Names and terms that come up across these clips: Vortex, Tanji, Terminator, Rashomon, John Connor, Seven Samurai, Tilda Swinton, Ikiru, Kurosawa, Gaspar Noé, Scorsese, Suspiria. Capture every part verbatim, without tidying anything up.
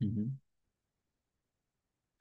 Hı hı.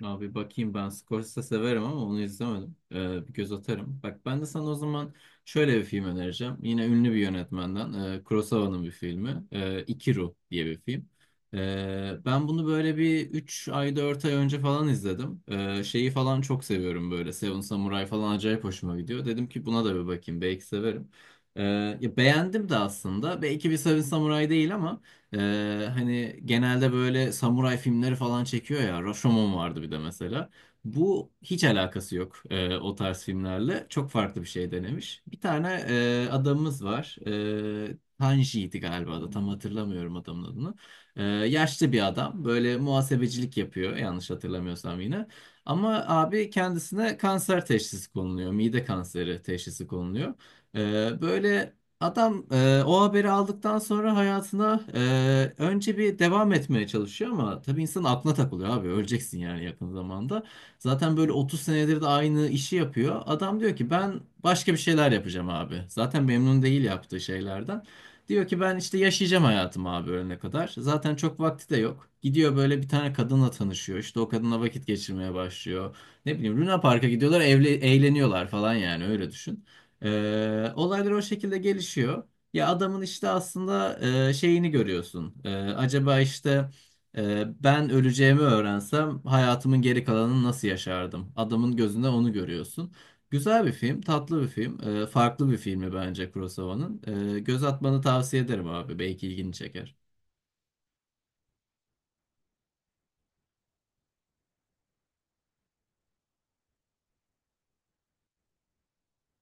Abi bakayım ben Scorsese severim ama onu izlemedim. Ee, bir göz atarım. Bak ben de sana o zaman şöyle bir film önereceğim. Yine ünlü bir yönetmenden. E, Kurosawa'nın bir filmi. E, Ikiru diye bir film. E, ben bunu böyle bir üç ay dört ay önce falan izledim. E, şeyi falan çok seviyorum böyle. Seven Samurai falan acayip hoşuma gidiyor. Dedim ki buna da bir bakayım. Belki severim. E, Ya beğendim de aslında. Belki bir Seven Samurai değil ama ee, hani genelde böyle samuray filmleri falan çekiyor ya. Rashomon vardı bir de mesela. Bu hiç alakası yok e, o tarz filmlerle. Çok farklı bir şey denemiş. Bir tane e, adamımız var. E, Tanji'ydi galiba da tam hatırlamıyorum adamın adını. E, Yaşlı bir adam. Böyle muhasebecilik yapıyor yanlış hatırlamıyorsam yine. Ama abi kendisine kanser teşhisi konuluyor. Mide kanseri teşhisi konuluyor. E, böyle... Adam e, o haberi aldıktan sonra hayatına e, önce bir devam etmeye çalışıyor ama tabii insan aklına takılıyor abi öleceksin yani yakın zamanda. Zaten böyle otuz senedir de aynı işi yapıyor. Adam diyor ki ben başka bir şeyler yapacağım abi. Zaten memnun değil yaptığı şeylerden. Diyor ki ben işte yaşayacağım hayatımı abi ölene kadar. Zaten çok vakti de yok. Gidiyor böyle bir tane kadınla tanışıyor. İşte o kadınla vakit geçirmeye başlıyor. Ne bileyim Luna Park'a gidiyorlar, evle, eğleniyorlar falan yani öyle düşün. Ee, olaylar o şekilde gelişiyor. Ya adamın işte aslında e, şeyini görüyorsun. E, acaba işte e, ben öleceğimi öğrensem hayatımın geri kalanını nasıl yaşardım? Adamın gözünde onu görüyorsun. Güzel bir film, tatlı bir film. E, farklı bir filmi bence Kurosawa'nın. E, göz atmanı tavsiye ederim abi. Belki ilgini çeker.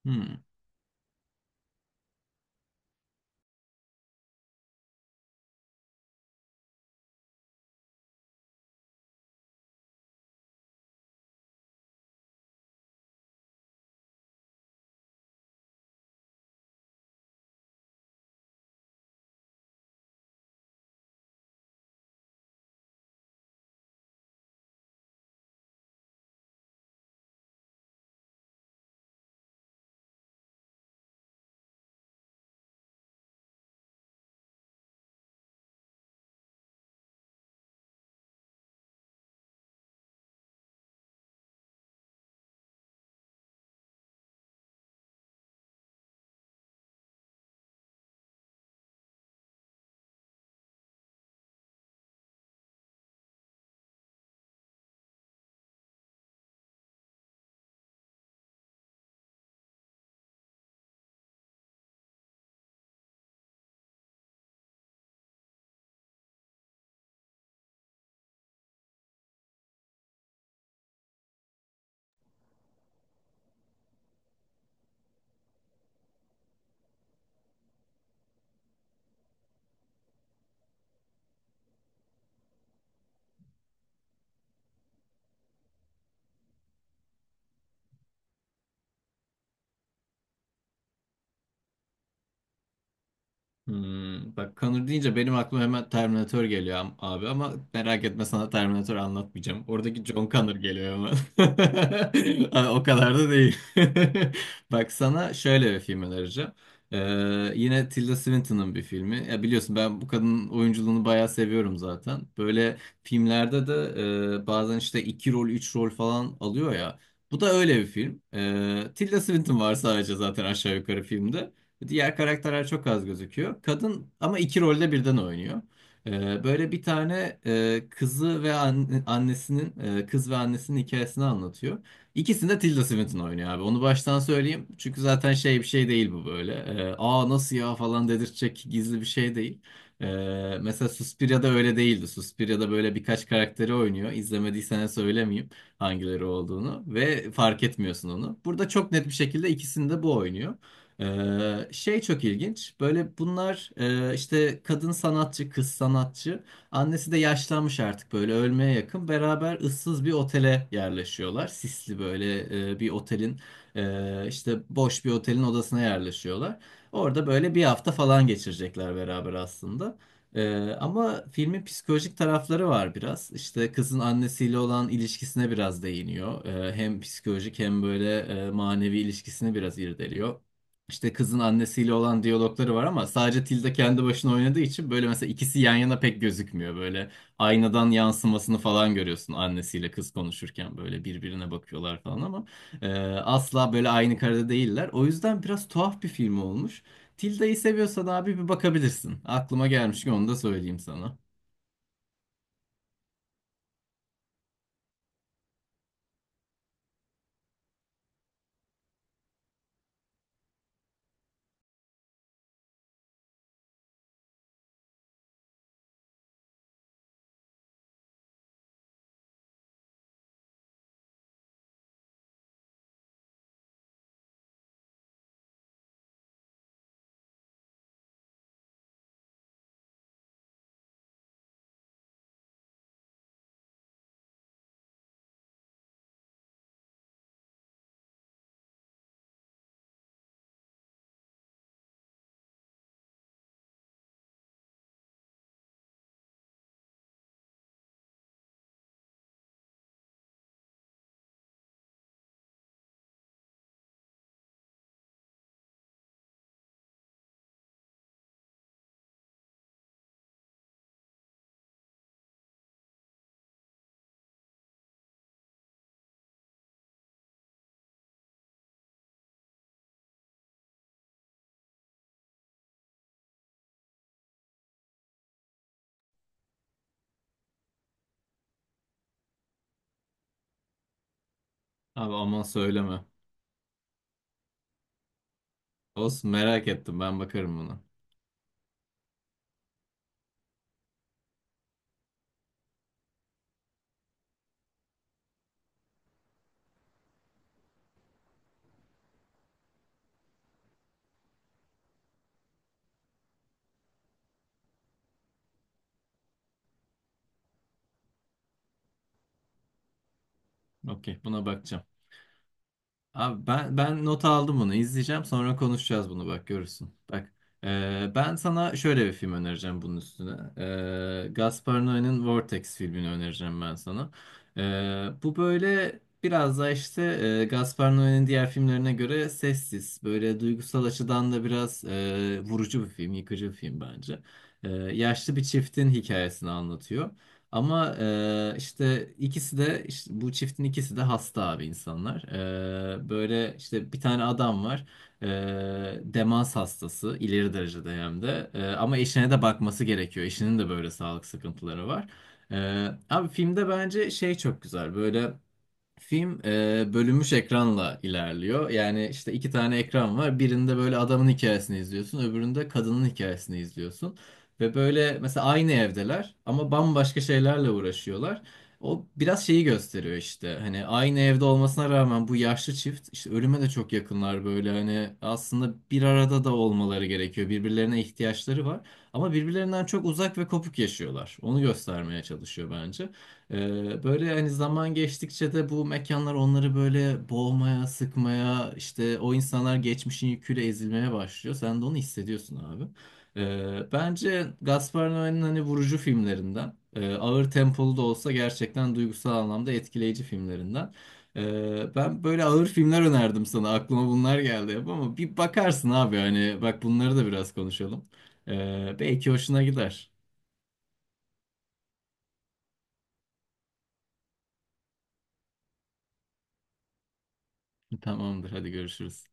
Hmm. Hmm, bak Connor deyince benim aklıma hemen Terminator geliyor am- abi ama merak etme sana Terminator anlatmayacağım. Oradaki John Connor geliyor ama. Ay, o kadar da değil. Bak sana şöyle bir film önereceğim. Ee, yine Tilda Swinton'ın bir filmi. Ya biliyorsun ben bu kadının oyunculuğunu bayağı seviyorum zaten. Böyle filmlerde de e, bazen işte iki rol, üç rol falan alıyor ya. Bu da öyle bir film. Ee, Tilda Swinton var sadece zaten aşağı yukarı filmde. Diğer karakterler çok az gözüküyor. Kadın ama iki rolde birden oynuyor. Ee, böyle bir tane e, kızı ve anne- annesinin e, kız ve annesinin hikayesini anlatıyor. İkisini de Tilda Swinton oynuyor abi. Onu baştan söyleyeyim. Çünkü zaten şey bir şey değil bu böyle. Ee, Aa nasıl ya falan dedirtecek gizli bir şey değil. Ee, Mesela Suspiria'da öyle değildi. Suspiria'da böyle birkaç karakteri oynuyor. İzlemediysen söylemeyeyim hangileri olduğunu ve fark etmiyorsun onu. Burada çok net bir şekilde ikisini de bu oynuyor. Ee, şey çok ilginç. Böyle bunlar e, işte kadın sanatçı, kız sanatçı. Annesi de yaşlanmış artık böyle ölmeye yakın. Beraber ıssız bir otele yerleşiyorlar. Sisli böyle e, bir otelin e, işte boş bir otelin odasına yerleşiyorlar. Orada böyle bir hafta falan geçirecekler beraber aslında. Ee, ama filmin psikolojik tarafları var biraz. İşte kızın annesiyle olan ilişkisine biraz değiniyor. Ee, hem psikolojik hem böyle e, manevi ilişkisini biraz irdeliyor. İşte kızın annesiyle olan diyalogları var ama sadece Tilda kendi başına oynadığı için böyle mesela ikisi yan yana pek gözükmüyor. Böyle aynadan yansımasını falan görüyorsun annesiyle kız konuşurken böyle birbirine bakıyorlar falan ama e, asla böyle aynı karede değiller. O yüzden biraz tuhaf bir film olmuş. Tilda'yı seviyorsan abi bir bakabilirsin. Aklıma gelmişken onu da söyleyeyim sana. Abi aman söyleme. Olsun merak ettim ben bakarım buna. Okey buna bakacağım. Abi ben ben nota aldım bunu. İzleyeceğim sonra konuşacağız bunu bak görürsün. Bak e, ben sana şöyle bir film önereceğim bunun üstüne. E, Gaspar Noé'nin Vortex filmini önereceğim ben sana. E, Bu böyle biraz da işte e, Gaspar Noé'nin diğer filmlerine göre sessiz. Böyle duygusal açıdan da biraz e, vurucu bir film, yıkıcı bir film bence. E, yaşlı bir çiftin hikayesini anlatıyor. Ama eee, işte ikisi de işte bu çiftin ikisi de hasta abi insanlar. Eee, böyle işte bir tane adam var. Eee, demans hastası ileri derecede hem de. Eee, ama eşine de bakması gerekiyor. Eşinin de böyle sağlık sıkıntıları var. Eee, abi filmde bence şey çok güzel. Böyle film e, bölünmüş ekranla ilerliyor. Yani işte iki tane ekran var. Birinde böyle adamın hikayesini izliyorsun, öbüründe kadının hikayesini izliyorsun. Ve böyle mesela aynı evdeler ama bambaşka şeylerle uğraşıyorlar. O biraz şeyi gösteriyor işte. Hani aynı evde olmasına rağmen bu yaşlı çift işte ölüme de çok yakınlar böyle. Hani aslında bir arada da olmaları gerekiyor. Birbirlerine ihtiyaçları var. Ama birbirlerinden çok uzak ve kopuk yaşıyorlar. Onu göstermeye çalışıyor bence. Ee, böyle hani zaman geçtikçe de bu mekanlar onları böyle boğmaya, sıkmaya, işte o insanlar geçmişin yüküyle ezilmeye başlıyor. Sen de onu hissediyorsun abi. Ee, bence Gaspar Noé'nin hani vurucu filmlerinden, e, ağır tempolu da olsa gerçekten duygusal anlamda etkileyici filmlerinden. Ee, ben böyle ağır filmler önerdim sana. Aklıma bunlar geldi hep ama bir bakarsın abi hani bak bunları da biraz konuşalım. Ee, belki hoşuna gider. Tamamdır, hadi görüşürüz.